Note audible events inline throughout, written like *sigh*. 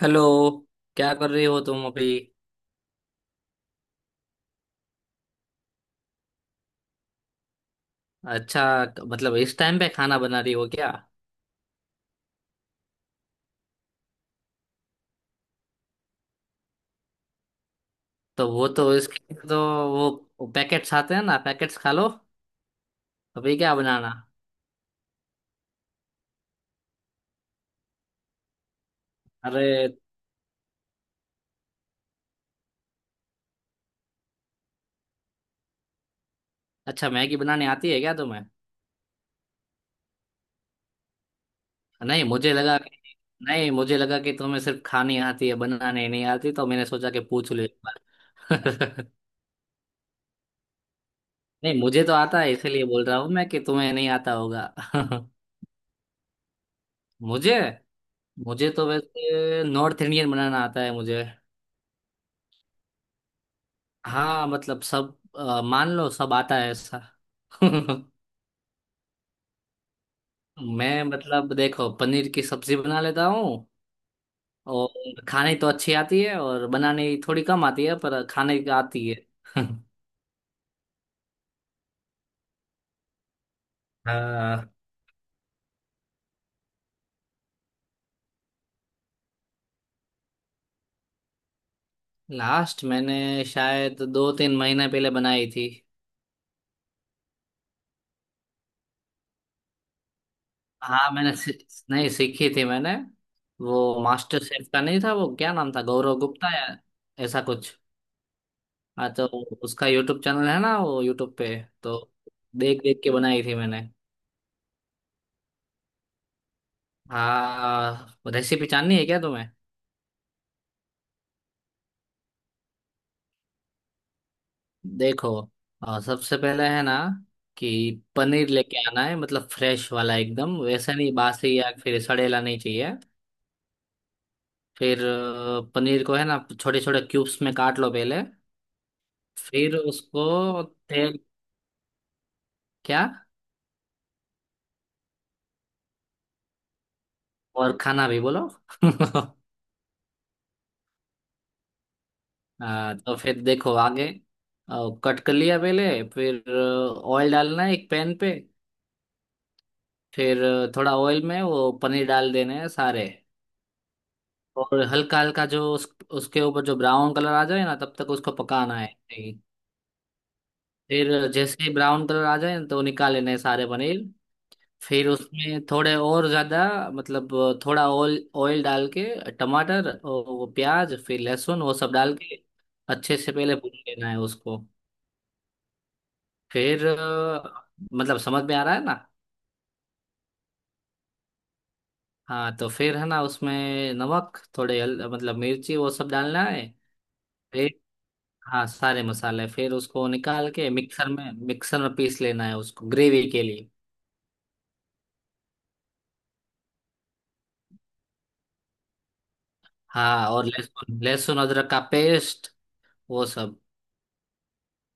Hello. क्या कर रही हो तुम अभी। अच्छा, मतलब इस टाइम पे खाना बना रही हो क्या? तो वो तो इसके तो वो पैकेट्स आते हैं ना, पैकेट्स खा लो। अभी क्या बनाना। अरे अच्छा, मैगी बनानी आती है क्या तुम्हें? नहीं मुझे लगा कि नहीं मुझे लगा कि तुम्हें सिर्फ खानी आती है, बनाने नहीं आती, तो मैंने सोचा कि पूछ लो एक बार। *laughs* नहीं, मुझे तो आता है, इसीलिए बोल रहा हूँ मैं कि तुम्हें नहीं आता होगा। *laughs* मुझे मुझे तो वैसे नॉर्थ इंडियन बनाना आता है मुझे। हाँ मतलब सब मान लो सब आता है ऐसा। *laughs* मैं मतलब देखो, पनीर की सब्जी बना लेता हूँ। और खाने तो अच्छी आती है, और बनाने थोड़ी कम आती है, पर खाने की आती है। *laughs* हाँ। लास्ट मैंने शायद दो तीन महीने पहले बनाई थी। हाँ मैंने सी, नहीं, सीखी थी मैंने। वो मास्टर शेफ का नहीं था, वो क्या नाम था, गौरव गुप्ता या ऐसा कुछ। हाँ तो उसका यूट्यूब चैनल है ना, वो यूट्यूब पे, तो देख देख के बनाई थी मैंने। हाँ रेसिपी जाननी है क्या तुम्हें? देखो, सबसे पहले है ना कि पनीर लेके आना है, मतलब फ्रेश वाला एकदम, वैसा नहीं बासी या फिर सड़ेला नहीं चाहिए। फिर पनीर को है ना छोटे छोटे क्यूब्स में काट लो पहले। फिर उसको तेल, क्या? और खाना भी बोलो। *laughs* हाँ तो फिर देखो आगे, कट कर लिया पहले, फिर ऑयल डालना है एक पैन पे। फिर थोड़ा ऑयल में वो पनीर डाल देने हैं सारे। और हल्का हल्का जो उसके ऊपर जो ब्राउन कलर आ जाए ना, तब तक उसको पकाना है, नहीं। फिर जैसे ही ब्राउन कलर आ जाए ना, तो निकाल लेने हैं सारे पनीर। फिर उसमें थोड़े और ज्यादा, मतलब थोड़ा ऑयल ऑयल डाल के, टमाटर और वो प्याज फिर लहसुन वो सब डाल के अच्छे से पहले भून लेना है उसको। फिर मतलब समझ में आ रहा है ना। हाँ तो फिर है ना उसमें नमक, मतलब मिर्ची वो सब डालना है। हाँ सारे मसाले, फिर उसको निकाल के मिक्सर में पीस लेना है उसको ग्रेवी के लिए। हाँ, और लहसुन लहसुन अदरक का पेस्ट वो सब।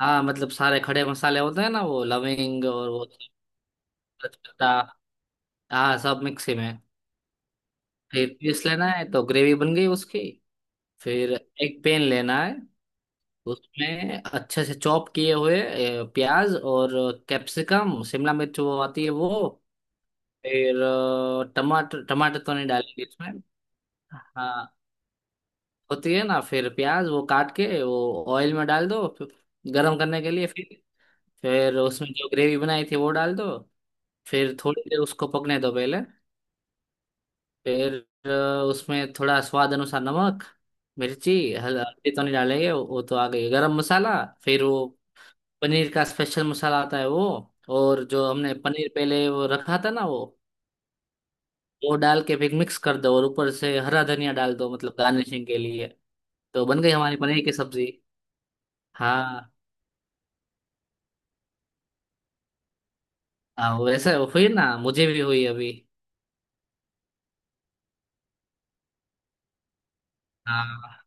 हाँ मतलब सारे खड़े मसाले होते हैं ना, वो लविंग और वो तेजपत्ता, हाँ सब मिक्सी में। फिर पीस लेना है, तो ग्रेवी बन गई उसकी। फिर एक पेन लेना है, उसमें अच्छे से चॉप किए हुए प्याज और कैप्सिकम, शिमला मिर्च वो आती है वो। फिर अ, टमाटर टमाटर तो नहीं डालेंगे इसमें। हाँ होती है ना, फिर प्याज वो काट के वो ऑयल में डाल दो, फिर गरम करने के लिए। फिर उसमें जो ग्रेवी बनाई थी वो डाल दो। फिर थोड़ी देर उसको पकने दो पहले। फिर अ, उसमें थोड़ा स्वाद अनुसार नमक, मिर्ची, हल्दी तो नहीं डालेंगे, वो तो आ गई गरम मसाला। फिर वो पनीर का स्पेशल मसाला आता है वो, और जो हमने पनीर पहले वो रखा था ना वो डाल के फिर मिक्स कर दो, और ऊपर से हरा धनिया डाल दो, मतलब गार्निशिंग के लिए। तो बन गई हमारी पनीर की सब्जी। हाँ। हाँ वैसे हुई ना, मुझे भी हुई अभी। हाँ।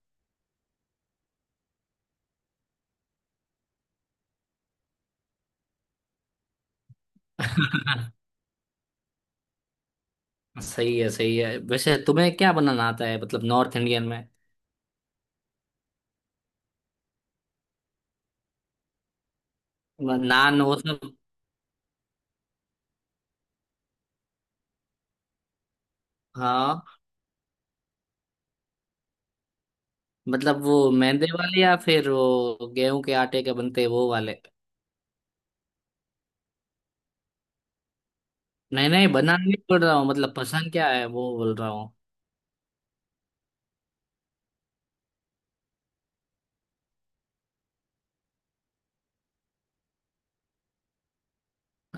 *laughs* सही है सही है। वैसे तुम्हें क्या बनाना आता है, मतलब नॉर्थ इंडियन में? नान वो सब। हाँ मतलब वो मैदे वाले या फिर वो गेहूं के आटे के बनते हैं वो वाले? नहीं नहीं, बनाना नहीं बोल रहा हूँ, मतलब पसंद क्या है वो बोल रहा हूँ।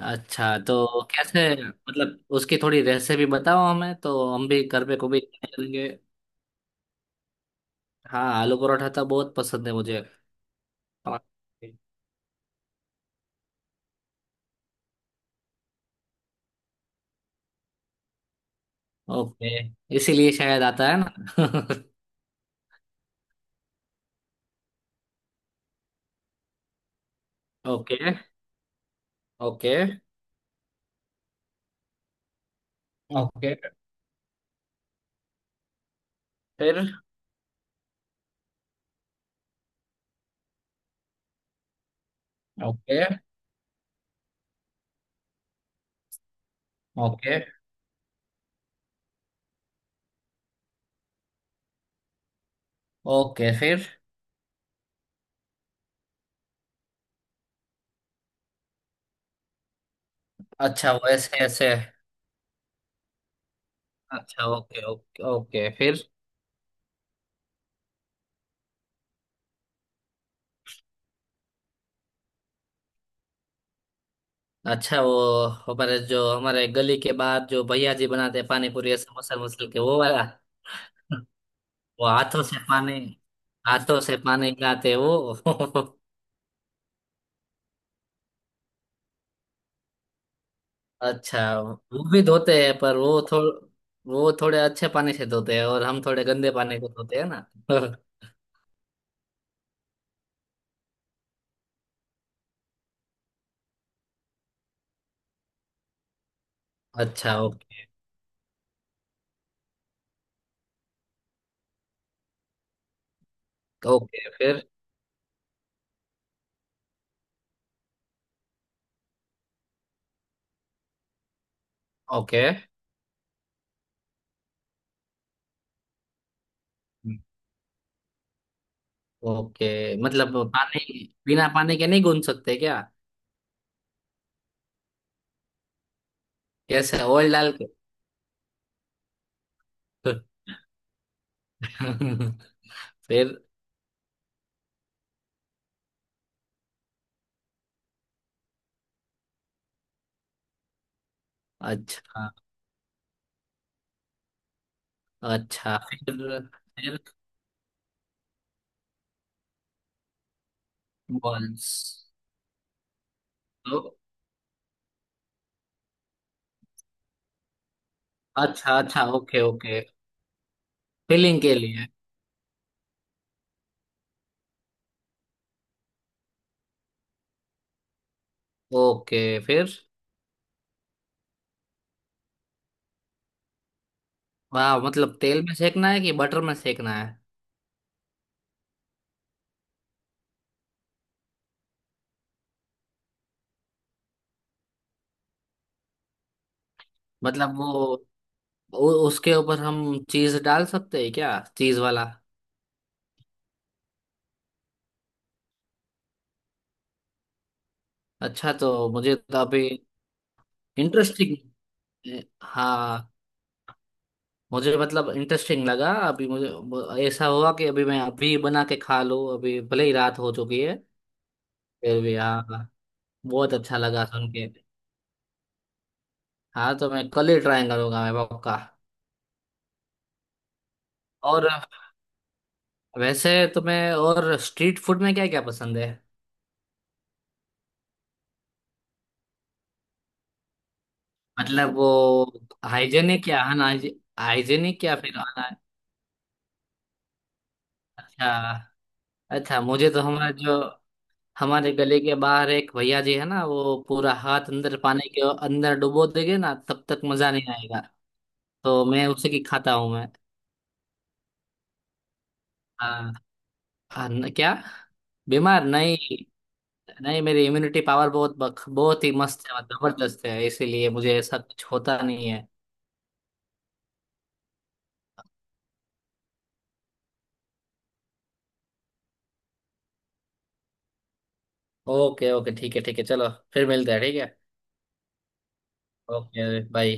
अच्छा तो कैसे, मतलब उसकी थोड़ी रेसिपी बताओ हमें, तो हम भी घर पे को भी करेंगे। हाँ आलू परोठा तो बहुत पसंद है मुझे। ओके, इसीलिए शायद आता है ना। *laughs* ओके ओके ओके फिर। ओके ओके ओके फिर। अच्छा वो ऐसे ऐसे। अच्छा, ओके ओके ओके फिर। अच्छा, वो हमारे जो, हमारे गली के बाहर जो भैया जी बनाते हैं पानी पूरी समोसा, मसल मसल के वो वाला। *laughs* वो हाथों से पानी, हाथों से पानी गिराते वो। *laughs* अच्छा, वो भी धोते हैं पर वो थोड़ वो थोड़े अच्छे पानी से धोते हैं, और हम थोड़े गंदे पानी को धोते हैं ना। *laughs* अच्छा, ओके ओके फिर। ओके ओके मतलब पानी, बिना पानी के नहीं गूंथ सकते क्या? कैसे, ऑयल डाल के? *laughs* फिर। अच्छा अच्छा, फिर बॉल्स, तो। अच्छा अच्छा, ओके ओके फिलिंग के लिए। ओके फिर। वाह, मतलब तेल में सेकना है कि बटर में सेकना है? मतलब वो उसके ऊपर हम चीज डाल सकते हैं क्या, चीज वाला? अच्छा तो मुझे तो अभी इंटरेस्टिंग। हाँ, मुझे मतलब इंटरेस्टिंग लगा, अभी मुझे ऐसा हुआ कि अभी मैं अभी बना के खा लूँ, अभी भले ही रात हो चुकी है फिर भी। हाँ हाँ, बहुत अच्छा लगा सुन के। हाँ तो मैं कल ही ट्राई करूंगा मैं, पक्का। और वैसे तुम्हें और स्ट्रीट फूड में क्या क्या पसंद है? मतलब वो हाइजेनिक या अनहाइजेनिक, हाइजेनिक या फिर अना अच्छा। अच्छा, मुझे तो हमारा जो, हमारे गले के बाहर एक भैया जी है ना, वो पूरा हाथ अंदर पानी के अंदर डुबो देंगे ना, तब तक मजा नहीं आएगा। तो मैं उसे की खाता हूँ मैं। हाँ। हाँ, क्या? बीमार नहीं। नहीं मेरी इम्यूनिटी पावर बहुत बहुत ही मस्त है, मतलब जबरदस्त है, इसीलिए मुझे ऐसा कुछ होता नहीं है। ओके ओके, ठीक है ठीक है, चलो फिर मिलते हैं, ठीक है। Okay bye.